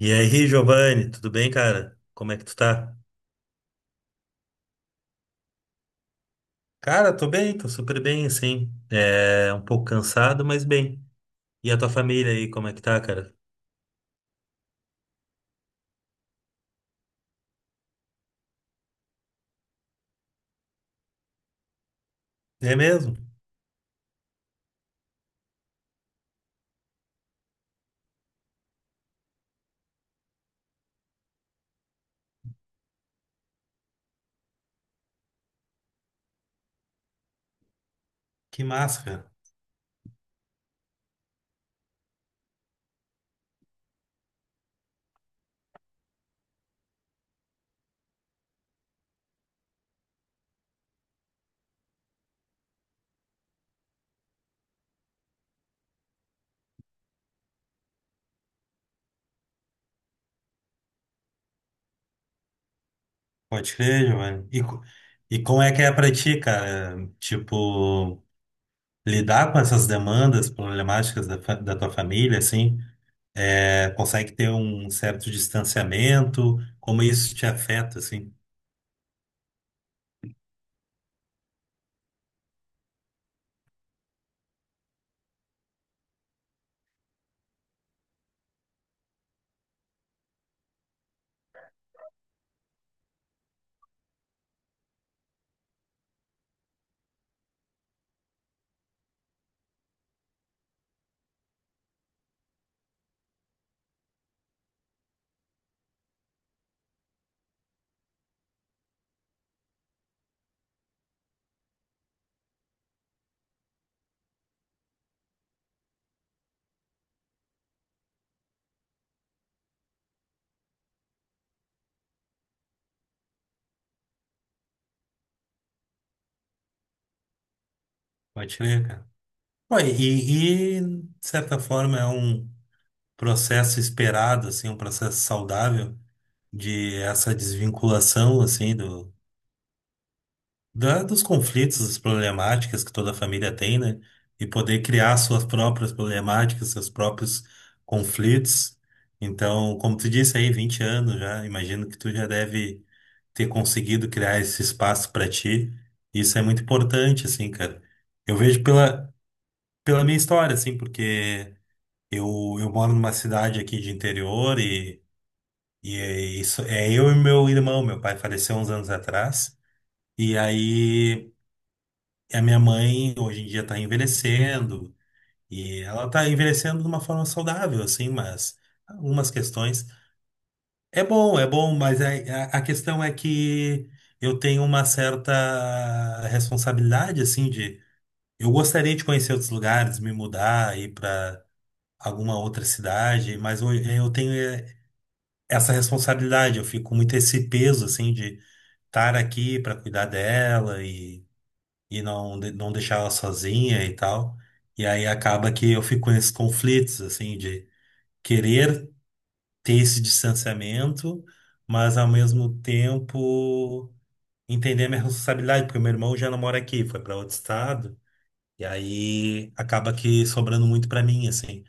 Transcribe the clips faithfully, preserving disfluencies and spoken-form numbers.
E aí, Giovanni, tudo bem, cara? Como é que tu tá? Cara, tô bem, tô super bem, assim. É um pouco cansado, mas bem. E a tua família aí, como é que tá, cara? É mesmo? Que massa, cara. Pode crer, Giovanni. E, co- e como é que é pra ti, cara? Tipo, lidar com essas demandas problemáticas da, fa- da tua família, assim, é, consegue ter um certo distanciamento? Como isso te afeta, assim? Pode crer, cara. Pô, e, e, de certa forma, é um processo esperado, assim, um processo saudável de essa desvinculação, assim, do, da, dos conflitos, das problemáticas que toda família tem, né? E poder criar suas próprias problemáticas, seus próprios conflitos. Então, como tu disse aí, vinte anos já, imagino que tu já deve ter conseguido criar esse espaço para ti. Isso é muito importante, assim, cara. Eu vejo pela, pela minha história, assim, porque eu, eu moro numa cidade aqui de interior e E é isso, é eu e meu irmão, meu pai faleceu uns anos atrás, e aí a minha mãe hoje em dia está envelhecendo, e ela está envelhecendo de uma forma saudável, assim, mas algumas questões. É bom, é bom, mas a, a a questão é que eu tenho uma certa responsabilidade, assim, de eu gostaria de conhecer outros lugares, me mudar, ir para alguma outra cidade, mas eu, eu tenho eh, essa responsabilidade, eu fico com muito esse peso, assim, de estar aqui para cuidar dela e, e não, de- não deixar ela sozinha e tal. E aí acaba que eu fico nesses conflitos, assim, de querer ter esse distanciamento, mas ao mesmo tempo entender a minha responsabilidade, porque meu irmão já não mora aqui, foi para outro estado, e aí acaba que sobrando muito para mim, assim.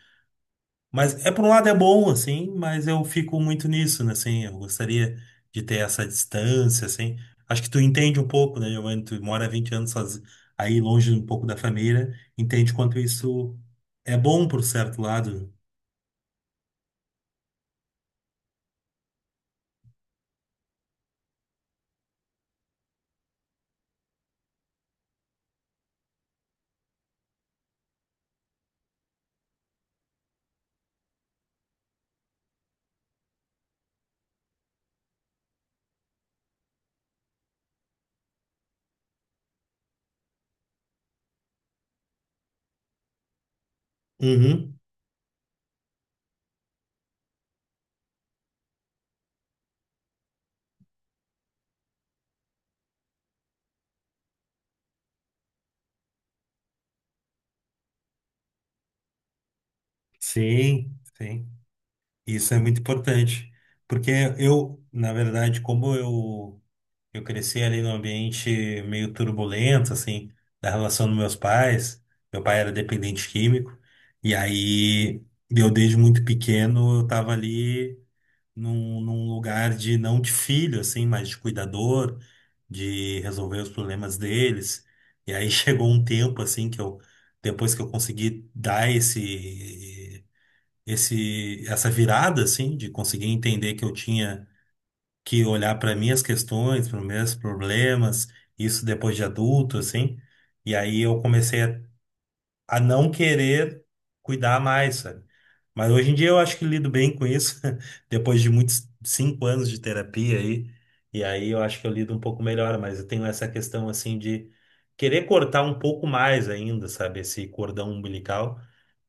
Mas é por um lado é bom, assim, mas eu fico muito nisso, né? Assim, eu gostaria de ter essa distância, assim. Acho que tu entende um pouco, né, Giovanni? Tu mora vinte anos soz- Aí longe um pouco da família, entende quanto isso é bom por certo lado. Uhum. Sim, sim. Isso é muito importante. Porque eu, na verdade, como eu Eu cresci ali num ambiente meio turbulento, assim, da relação dos meus pais. Meu pai era dependente químico, e aí eu, desde muito pequeno, eu tava ali num, num lugar de, não de filho, assim, mas de cuidador, de resolver os problemas deles. E aí chegou um tempo, assim, que eu, depois que eu consegui dar esse, esse, essa virada, assim, de conseguir entender que eu tinha que olhar para minhas questões, para meus problemas, isso depois de adulto, assim. E aí eu comecei a, a não querer cuidar mais, sabe? Mas hoje em dia eu acho que lido bem com isso, depois de muitos cinco anos de terapia aí. E aí eu acho que eu lido um pouco melhor, mas eu tenho essa questão assim de querer cortar um pouco mais ainda, sabe? Esse cordão umbilical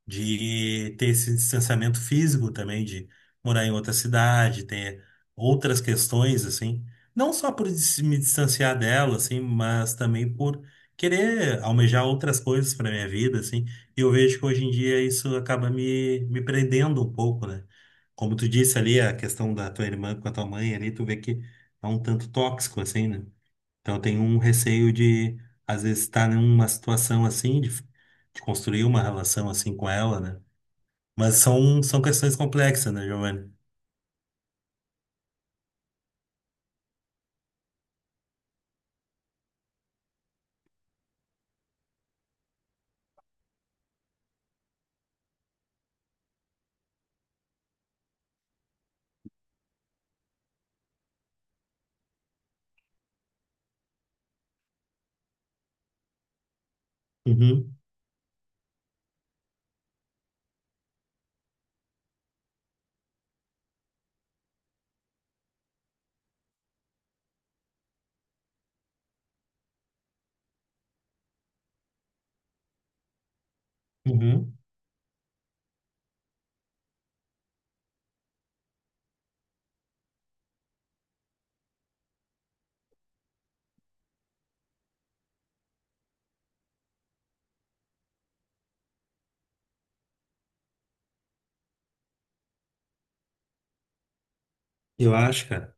de ter esse distanciamento físico também, de morar em outra cidade, ter outras questões, assim. Não só por dis- me distanciar dela, assim, mas também por querer almejar outras coisas para minha vida, assim. E eu vejo que hoje em dia isso acaba me, me prendendo um pouco, né? Como tu disse ali, a questão da tua irmã com a tua mãe ali, tu vê que é um tanto tóxico, assim, né? Então eu tenho um receio de, às vezes, estar numa situação assim, de, de construir uma relação assim com ela, né? Mas são, são questões complexas, né, Giovanni? Uhum, uhum. Eu acho, cara.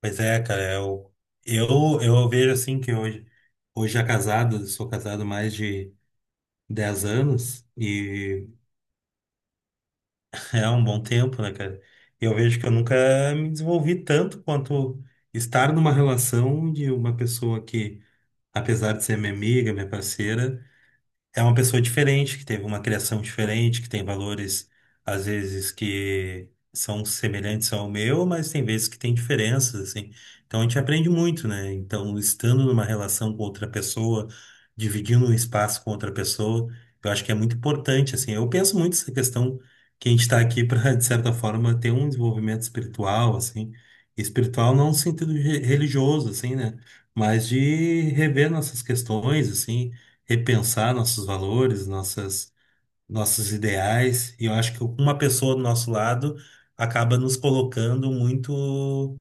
Pois é, cara, eu, eu, eu vejo assim que hoje, hoje já casado, eu sou casado há mais de dez anos e é um bom tempo, né, cara? Eu vejo que eu nunca me desenvolvi tanto quanto estar numa relação de uma pessoa que, apesar de ser minha amiga, minha parceira, é uma pessoa diferente, que teve uma criação diferente, que tem valores, às vezes, que são semelhantes ao meu, mas tem vezes que tem diferenças, assim. Então a gente aprende muito, né? Então, estando numa relação com outra pessoa, dividindo um espaço com outra pessoa, eu acho que é muito importante, assim. Eu penso muito nessa questão que a gente está aqui para, de certa forma, ter um desenvolvimento espiritual, assim. Espiritual não no sentido re- religioso, assim, né? Mas de rever nossas questões, assim repensar nossos valores, nossas, nossos ideais. E eu acho que uma pessoa do nosso lado acaba nos colocando muito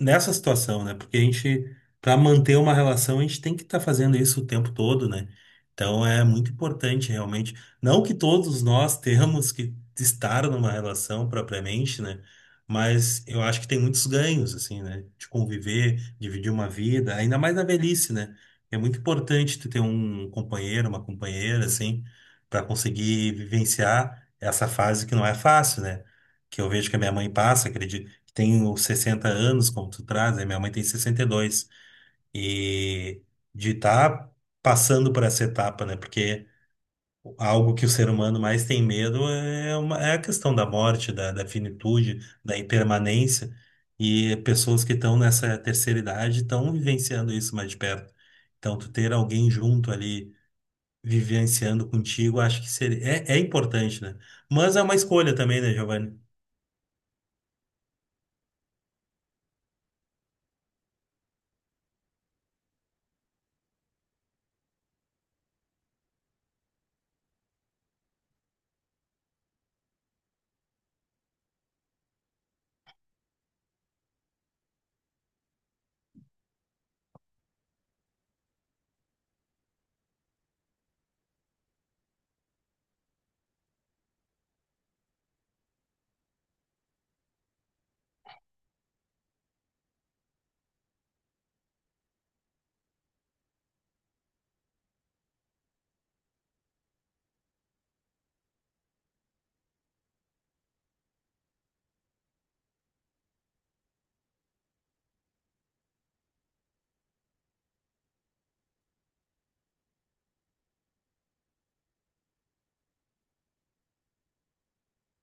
nessa situação, né? Porque a gente, para manter uma relação, a gente tem que estar fazendo isso o tempo todo, né? Então é muito importante realmente. Não que todos nós temos que estar numa relação propriamente, né? Mas eu acho que tem muitos ganhos, assim, né? De conviver, dividir uma vida, ainda mais na velhice, né? É muito importante tu ter um companheiro, uma companheira, assim, para conseguir vivenciar essa fase que não é fácil, né? Que eu vejo que a minha mãe passa, acredito tenho sessenta anos, como tu traz, né? Minha mãe tem sessenta e dois. E dois. E de estar passando por essa etapa, né? Porque algo que o ser humano mais tem medo é, uma, é a questão da morte, da, da finitude, da impermanência. E pessoas que estão nessa terceira idade estão vivenciando isso mais de perto. Então, tu ter alguém junto ali, vivenciando contigo, acho que seria, é, é importante, né? Mas é uma escolha também, né, Giovanni?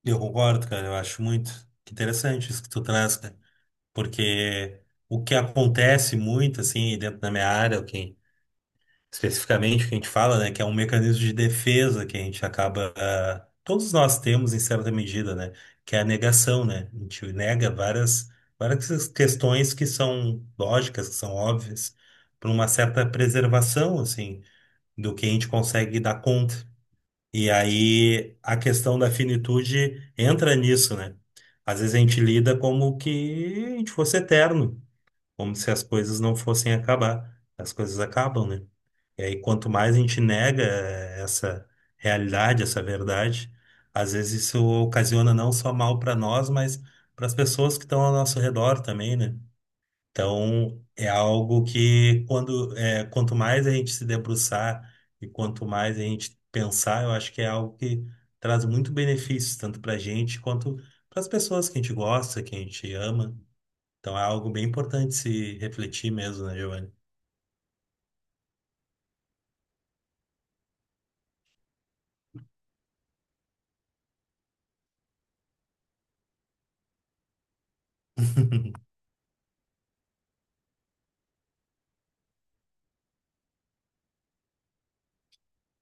Eu concordo, cara. Eu acho muito interessante isso que tu traz, cara. Porque o que acontece muito, assim, dentro da minha área, o que, especificamente o que a gente fala, né, que é um mecanismo de defesa que a gente acaba. Ah, todos nós temos, em certa medida, né, que é a negação, né? A gente nega várias, várias questões que são lógicas, que são óbvias, por uma certa preservação, assim, do que a gente consegue dar conta. E aí a questão da finitude entra nisso, né? Às vezes a gente lida como que a gente fosse eterno, como se as coisas não fossem acabar. As coisas acabam, né? E aí quanto mais a gente nega eh, essa realidade, essa verdade, às vezes isso ocasiona não só mal para nós, mas para as pessoas que estão ao nosso redor também, né? Então, é algo que quando é, quanto mais a gente se debruçar e quanto mais a gente pensar, eu acho que é algo que traz muito benefícios, tanto para a gente quanto para as pessoas que a gente gosta, que a gente ama. Então, é algo bem importante se refletir mesmo, né, Giovanni?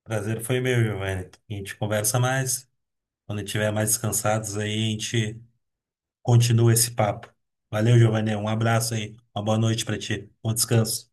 Prazer foi meu, Giovanni. A gente conversa mais. Quando estiver mais descansados aí, a gente continua esse papo. Valeu, Giovanni. Um abraço aí. Uma boa noite para ti. Bom descanso.